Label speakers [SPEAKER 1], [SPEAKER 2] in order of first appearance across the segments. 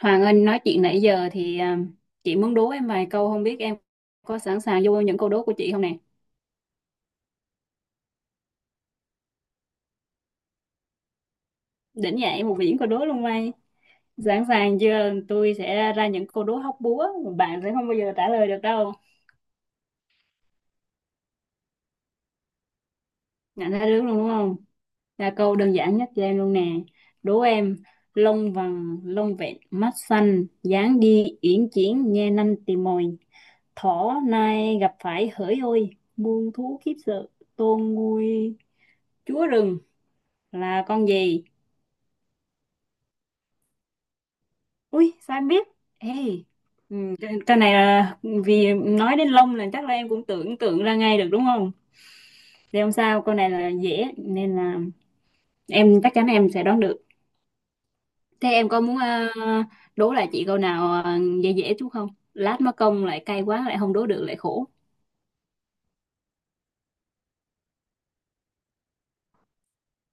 [SPEAKER 1] Hoàng Anh nói chuyện nãy giờ thì chị muốn đố em vài câu không biết em có sẵn sàng vô những câu đố của chị không nè. Đỉnh nhà một viễn câu đố luôn mày. Sẵn sàng chưa? Tôi sẽ ra những câu đố hóc búa mà bạn sẽ không bao giờ trả lời được đâu. Nhận ra được luôn đúng không? Là câu đơn giản nhất cho em luôn nè. Đố em lông vàng lông vẹn mắt xanh dáng đi uyển chuyển nhe nanh tìm mồi thỏ nai gặp phải hỡi ôi muôn thú khiếp sợ tôn nguôi chúa rừng là con gì. Ui sao em biết. Ê, cái này là vì nói đến lông là chắc là em cũng tưởng tượng ra ngay được đúng không. Thì không sao, câu này là dễ nên là em chắc chắn em sẽ đoán được. Thế em có muốn đố lại chị câu nào dễ dễ chút không, lát mất công lại cay quá lại không đố được lại khổ.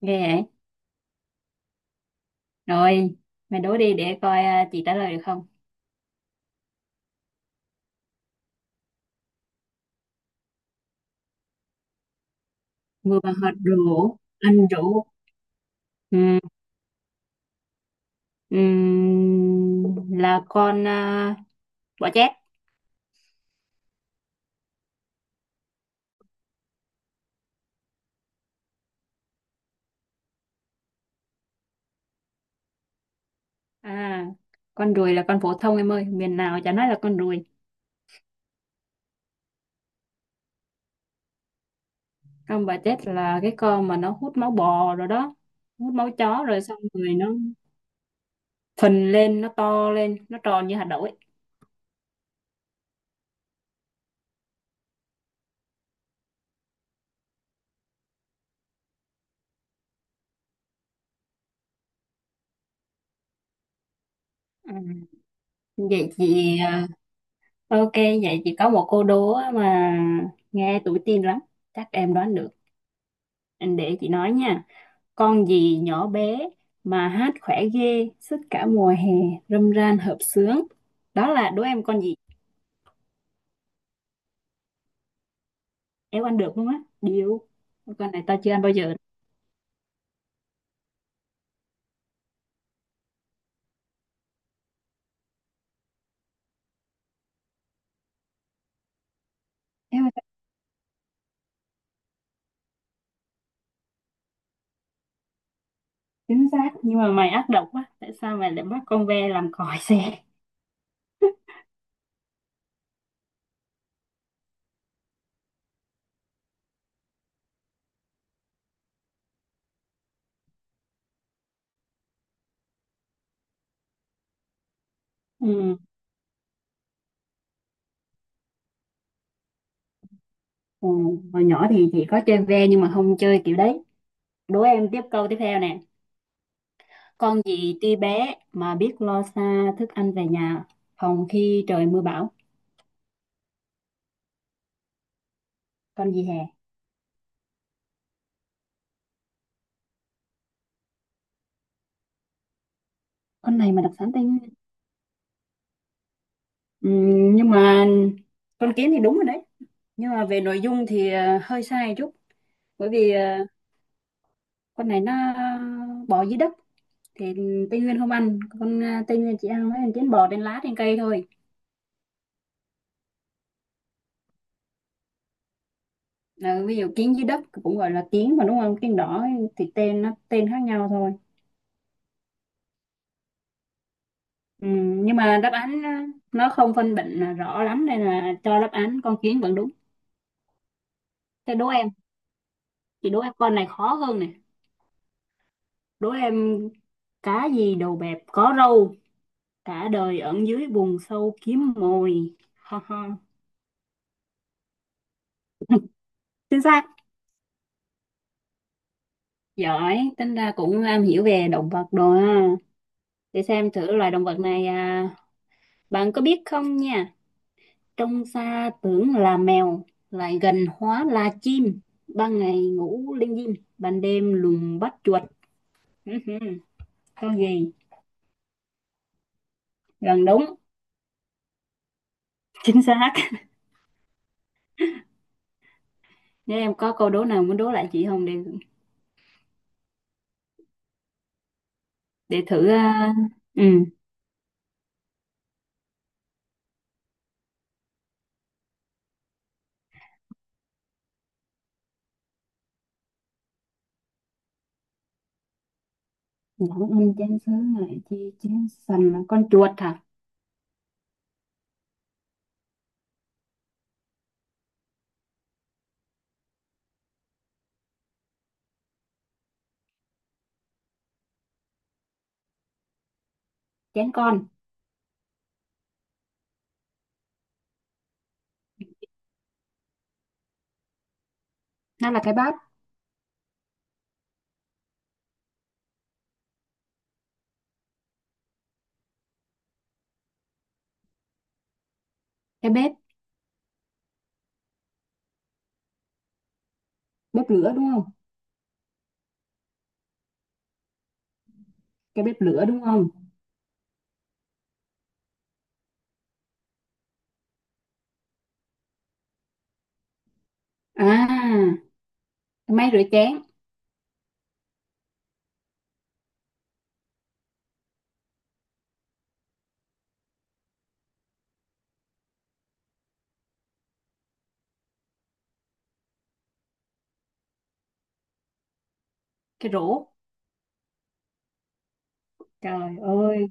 [SPEAKER 1] Ghê vậy. Rồi mày đố đi để coi chị trả lời được không. Vừa hoạt rủ anh rủ. Ừ, ừ, là con bọ chét. À, con ruồi là con phổ thông em ơi, miền nào chả nói là con ruồi. Trong bà chết là cái con mà nó hút máu bò rồi đó, hút máu chó rồi xong rồi nó phình lên, nó to lên, nó tròn như hạt đậu ấy. Ừ. Vậy chị, ok, vậy chị có một cô đố á mà nghe tuổi teen lắm, chắc em đoán được. Để chị nói nha, con gì nhỏ bé mà hát khỏe ghê, suốt cả mùa hè, râm ran hợp xướng. Đó là đố em con gì? Éo ăn được luôn á. Điêu. Con này tao chưa ăn bao giờ. Éo ăn. Chính xác, nhưng mà mày ác độc quá, tại sao mày lại bắt con ve làm còi xe. Ừ. Ừ. Hồi nhỏ thì chỉ có chơi ve nhưng mà không chơi kiểu đấy. Đố em tiếp câu tiếp theo nè. Con gì tuy bé mà biết lo xa, thức ăn về nhà phòng khi trời mưa bão. Con gì hè? Con này mà đặc sản Tây Nguyên? Ừ, nhưng mà con kiến thì đúng rồi đấy, nhưng mà về nội dung thì hơi sai chút. Bởi vì con này nó bò dưới đất thì Tây Nguyên không ăn con à, Tây Nguyên chỉ ăn mấy con kiến bò trên lá trên cây thôi. Ờ, ví dụ kiến dưới đất cũng gọi là kiến mà đúng không, kiến đỏ thì tên nó tên khác nhau thôi. Ừ, nhưng mà đáp án nó không phân định là rõ lắm nên là cho đáp án con kiến vẫn đúng. Thế đố em chị đố em con này khó hơn nè. Đố em cá gì đầu bẹp có râu, cả đời ẩn dưới bùn sâu kiếm mồi. Ha ha. Chính xác. Giỏi, tính ra cũng am hiểu về động vật rồi ha. Để xem thử loài động vật này bạn có biết không nha, trông xa tưởng là mèo, lại gần hóa là chim. Ban ngày ngủ linh dim, ban đêm lùng bắt chuột. Hứ hứ, có gì? Gần đúng, chính xác. Nếu em có câu đố nào muốn đố lại chị không để thử. Ừ. Dẫn em chén sứ lại chi chén sành là con chuột hả? Chén con. Nó là cái bát, cái bếp, bếp lửa đúng không? Cái bếp lửa đúng không? À, cái máy rửa chén, cái rổ. Trời ơi.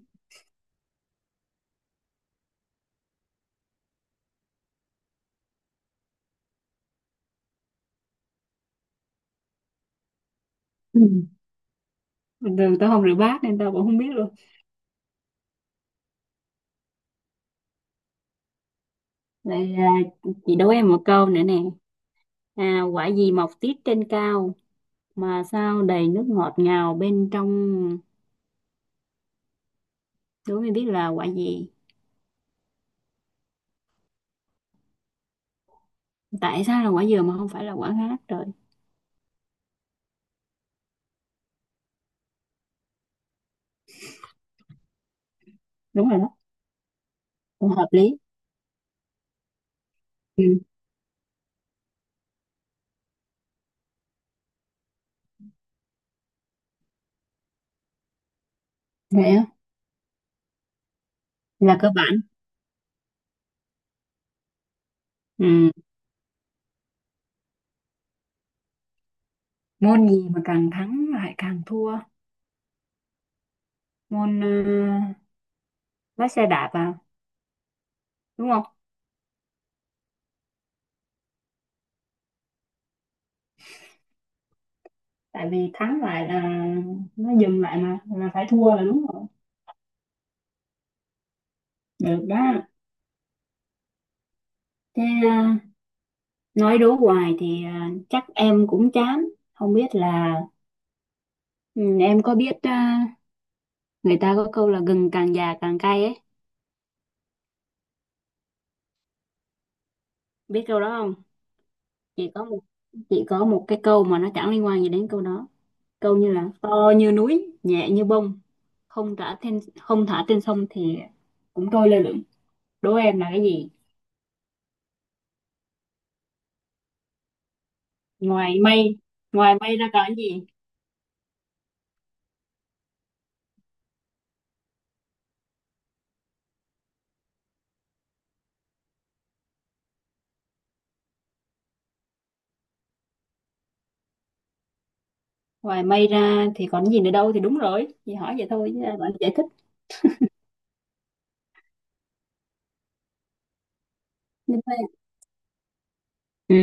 [SPEAKER 1] Bình thường tao không rửa bát nên tao cũng không biết luôn. Vậy chị đố em một câu nữa nè. Quả gì mọc tiết trên cao mà sao đầy nước ngọt ngào bên trong, đố em biết là quả gì? Tại sao là quả dừa mà không phải là quả khác trời? Đúng rồi đó, cũng hợp lý. Ừ vậy á, là cơ bản. Ừ môn gì mà càng thắng lại càng thua? Môn lái xe đạp à, đúng không? Tại vì thắng lại là nó dừng lại mà là phải thua, là đúng rồi, được đó. Thế à, nói đố hoài thì chắc em cũng chán. Không biết là ừ, em có biết người ta có câu là gừng càng già càng cay ấy. Biết câu đó không? Chỉ có một chỉ có một cái câu mà nó chẳng liên quan gì đến câu đó. Câu như là to như núi, nhẹ như bông, không thả trên sông thì cũng trôi lơ lửng. Đố em là cái gì? Ngoài mây, Ngoài mây ra còn cái gì? Ngoài mây ra thì còn gì nữa đâu, thì đúng rồi. Chị hỏi vậy thôi chứ còn giải thích. Nhưng mà- Ừ,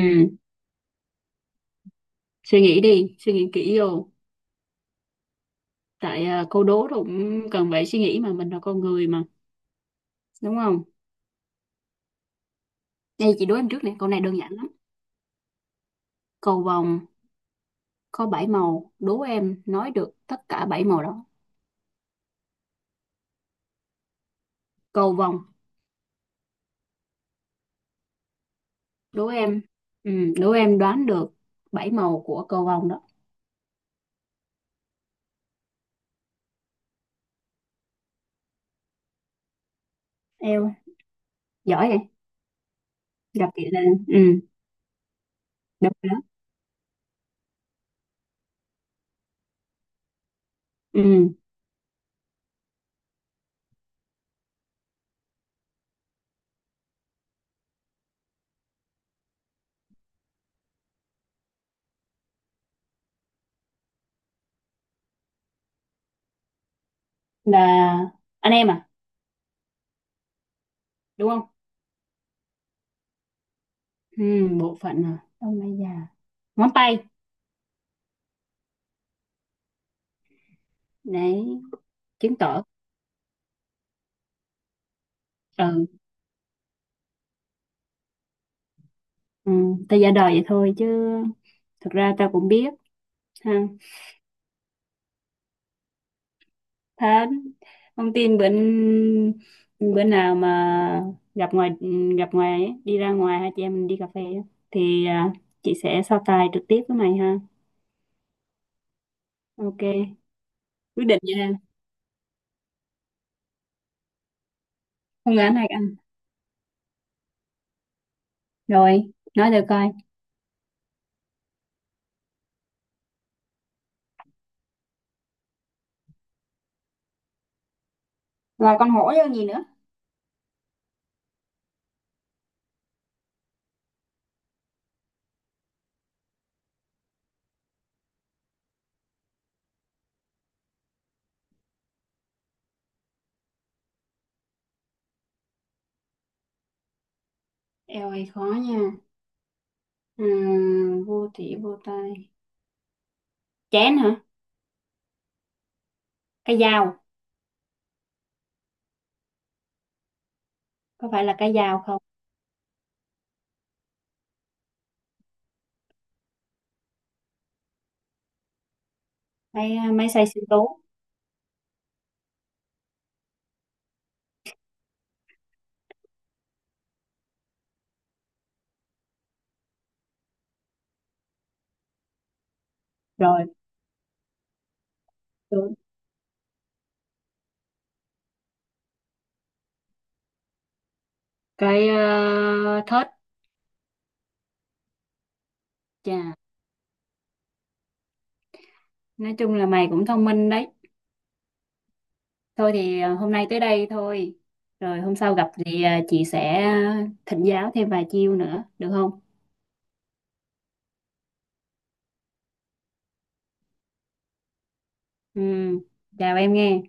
[SPEAKER 1] suy nghĩ đi, suy nghĩ kỹ vô. Tại câu đố rồi cũng cần phải suy nghĩ mà, mình là con người mà, đúng không? Đây chị đố em trước nè, câu này đơn giản lắm. Cầu vồng có bảy màu, đố em nói được tất cả bảy màu đó. Cầu vồng đố em, đố em đoán được bảy màu của cầu vồng đó. Em giỏi vậy. Gặp chị là ừ, được rồi đó. Ừ là anh em à, đúng không? Ừ bộ phận à, ông này già, ngón tay để chứng tỏ. Ừ, ừ. Ta giả đời vậy thôi chứ thực ra ta cũng biết ha. Thật, không tin bữa bữa nào mà gặp ngoài gặp ngoài ấy, đi ra ngoài hai chị em mình đi cà phê á, thì chị sẽ so tài trực tiếp với mày ha. Ok, quyết định nha. Phương án này ăn. Rồi, nói thử coi. Rồi con hổ vô gì nữa? Eo ơi khó nha. À, vô thị vô tay. Chén hả? Cái dao. Có phải là cái dao không? Máy xay sinh tố. Rồi, đúng. Cái thớt. Chà, nói chung là mày cũng thông minh đấy. Thôi thì hôm nay tới đây thôi. Rồi hôm sau gặp thì chị sẽ thỉnh giáo thêm vài chiêu nữa, được không? Ừ, chào em nghe.